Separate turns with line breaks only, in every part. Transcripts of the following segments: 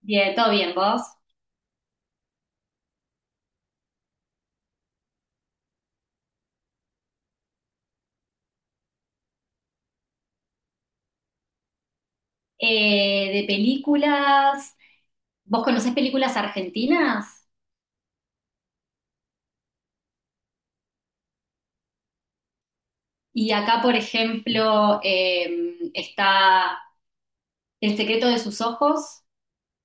Bien, todo bien, vos. De películas, ¿vos conocés películas argentinas? Y acá, por ejemplo, está El secreto de sus ojos,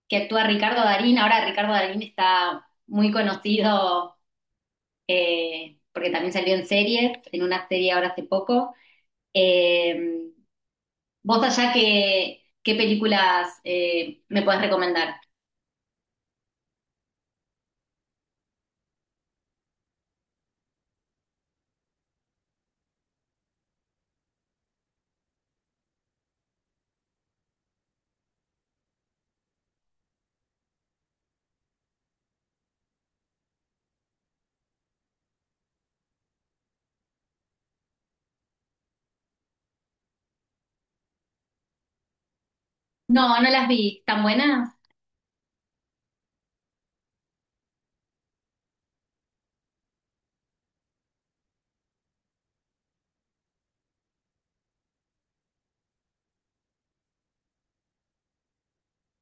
que actúa Ricardo Darín. Ahora Ricardo Darín está muy conocido porque también salió en series, en una serie ahora hace poco. Eh, Vos allá, qué películas me podés recomendar? No, no las vi. ¿Tan buenas?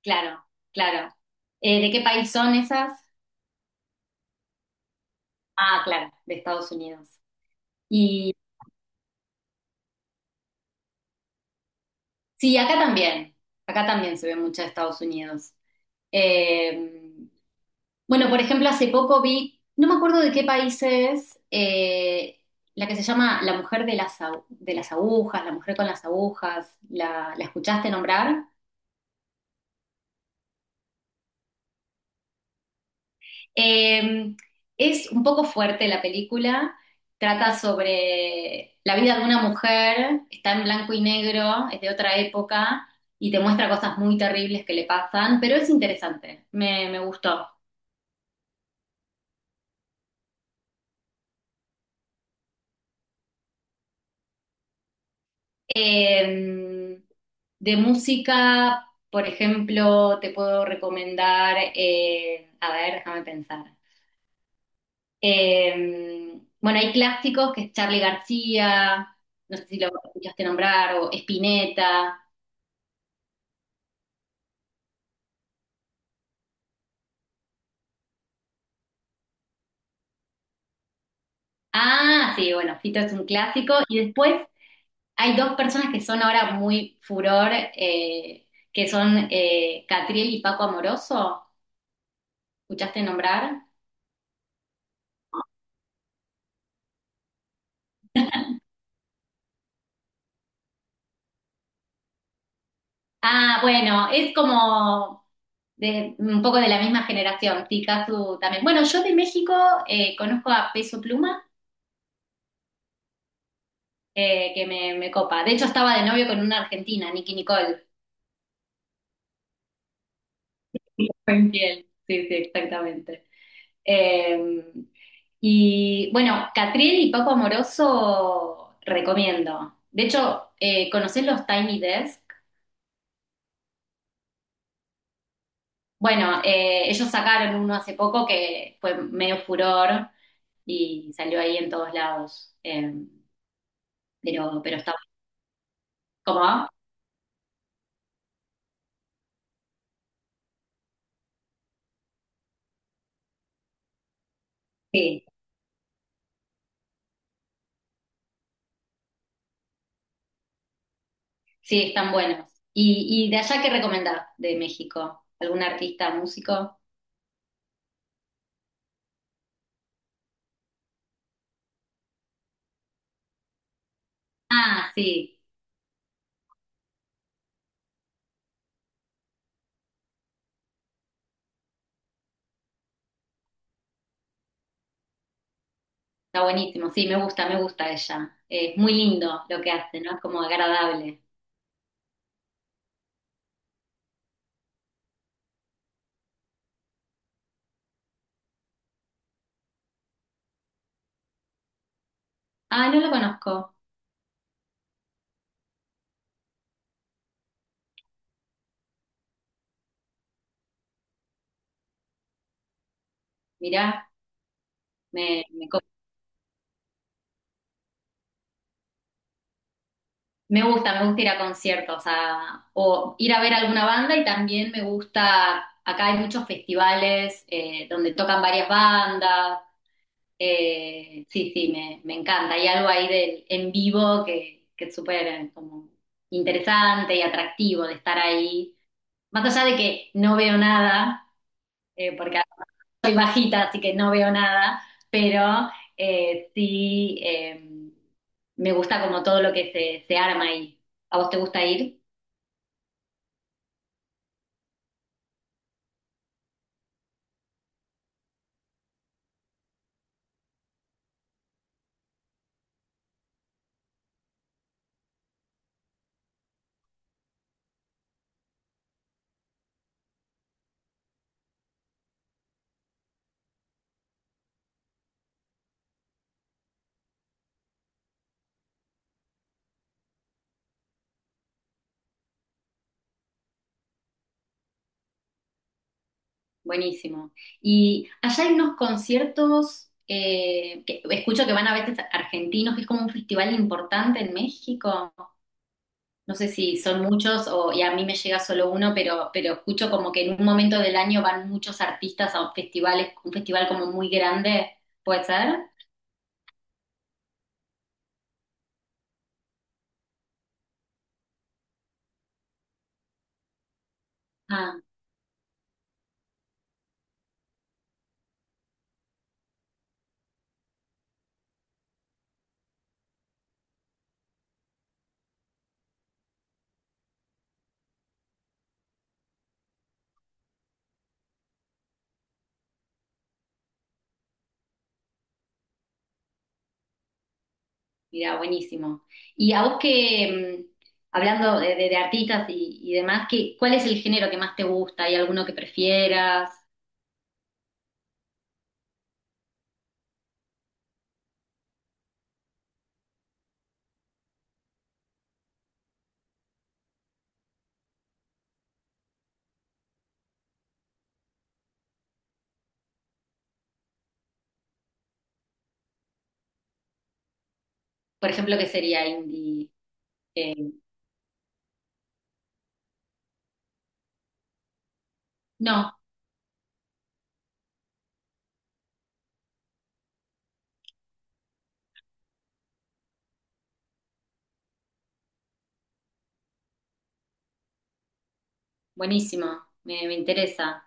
Claro, claro. ¿De qué país son esas? Ah, claro, de Estados Unidos. Y sí, acá también se ve mucho de Estados Unidos. Eh, bueno, por ejemplo, hace poco vi, no me acuerdo de qué país es, la que se llama La mujer de de las agujas, la mujer con las agujas, ¿ la escuchaste nombrar? Eh, es un poco fuerte la película, trata sobre la vida de una mujer, está en blanco y negro, es de otra época y te muestra cosas muy terribles que le pasan, pero es interesante, me gustó. Eh, de música, por ejemplo, te puedo recomendar, a ver, déjame pensar. Bueno, hay clásicos que es Charly García, no sé si lo escuchaste nombrar, o Spinetta. Ah, sí, bueno, Fito es un clásico. Y después hay dos personas que son ahora muy furor, eh, que son Catriel y Paco Amoroso. ¿Escuchaste nombrar? Ah, bueno, es como de, un poco de la misma generación, Picasso también. Bueno, yo de México conozco a Peso Pluma, que me copa. De hecho, estaba de novio con una argentina, Nicki Nicole. Fue infiel. Sí, sí, exactamente. Eh, y bueno, Catriel y Paco Amoroso recomiendo. De hecho, ¿conocés los Tiny Desk? Bueno, ellos sacaron uno hace poco que fue medio furor y salió ahí en todos lados. Pero está bueno. ¿Cómo? Sí, sí, están buenos. Y de allá qué recomendás de México? ¿Algún artista, músico? Ah, sí, está buenísimo. Sí, me gusta ella. Es muy lindo lo que hace, ¿no? Es como agradable. Ah, no lo conozco. Mirá, me, me, co- me gusta ir a conciertos, o ir a ver alguna banda y también me gusta, acá hay muchos festivales donde tocan varias bandas. Sí, sí, me encanta. Hay algo ahí del en vivo que es súper como interesante y atractivo de estar ahí. Más allá de que no veo nada, porque soy bajita, así que no veo nada, pero eh, sí eh, me gusta como todo lo que se arma ahí. ¿A vos te gusta ir? Buenísimo. Y allá hay unos conciertos que escucho que van a veces argentinos, que es como un festival importante en México. No sé si son muchos o y a mí me llega solo uno, pero escucho como que en un momento del año van muchos artistas a festivales, un festival como muy grande, ¿puede ser? Ah. Mira, buenísimo. Y a vos que, hablando de, de artistas y demás, ¿qué, cuál es el género que más te gusta? ¿Hay alguno que prefieras? Por ejemplo, ¿qué sería indie? Eh, no, buenísimo, me interesa.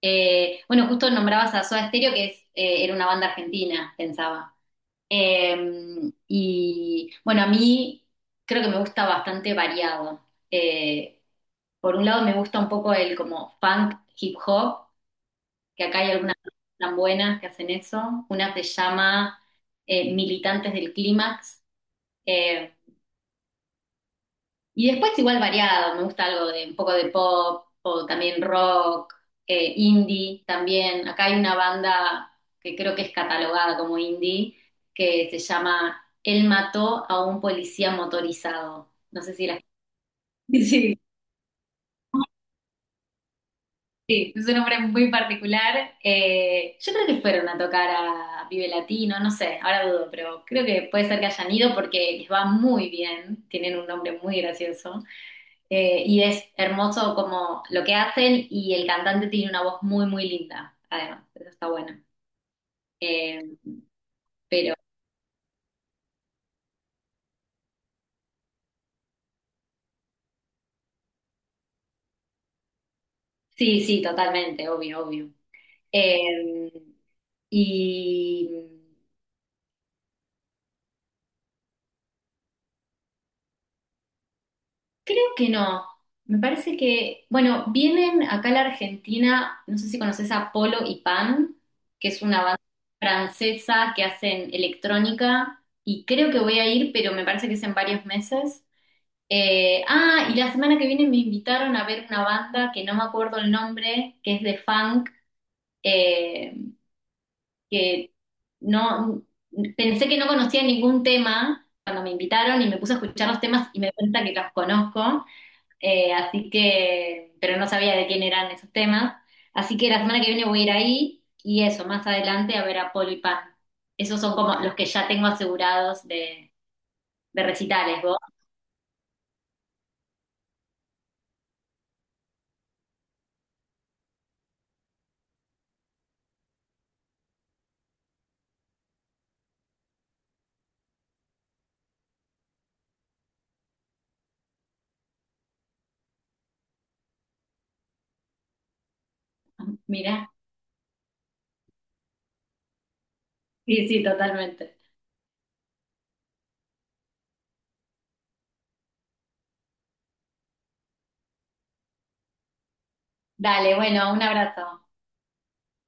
Bueno, justo nombrabas a Soda Stereo, que es, era una banda argentina, pensaba. Eh, y bueno, a mí creo que me gusta bastante variado. Por un lado me gusta un poco el como funk, hip hop, que acá hay algunas tan buenas que hacen eso. Una se llama Militantes del Clímax, eh, y después igual variado, me gusta algo de un poco de pop o también rock, indie también. Acá hay una banda que creo que es catalogada como indie que se llama Él mató a un policía motorizado. No sé si la... Sí, sí, es un hombre muy particular. Yo creo que fueron a tocar a Vive Latino, no sé, ahora dudo, pero creo que puede ser que hayan ido porque les va muy bien, tienen un nombre muy gracioso. Y es hermoso como lo que hacen y el cantante tiene una voz muy, muy linda, además, eso está bueno. Eh, sí, sí, totalmente, obvio, obvio. Eh, y Creo que no. Me parece que, bueno, vienen acá a la Argentina, no sé si conoces a Polo y Pan, que es una banda francesa que hacen electrónica, y creo que voy a ir, pero me parece que es en varios meses. Ah, y la semana que viene me invitaron a ver una banda que no me acuerdo el nombre, que es de funk, eh, que no pensé que no conocía ningún tema cuando me invitaron y me puse a escuchar los temas y me di cuenta que los conozco. Así que, pero no sabía de quién eran esos temas. Así que la semana que viene voy a ir ahí y eso, más adelante a ver a Polo y Pan. Esos son como los que ya tengo asegurados de recitales, vos. Mira, sí, sí, totalmente. Dale, bueno, un abrazo.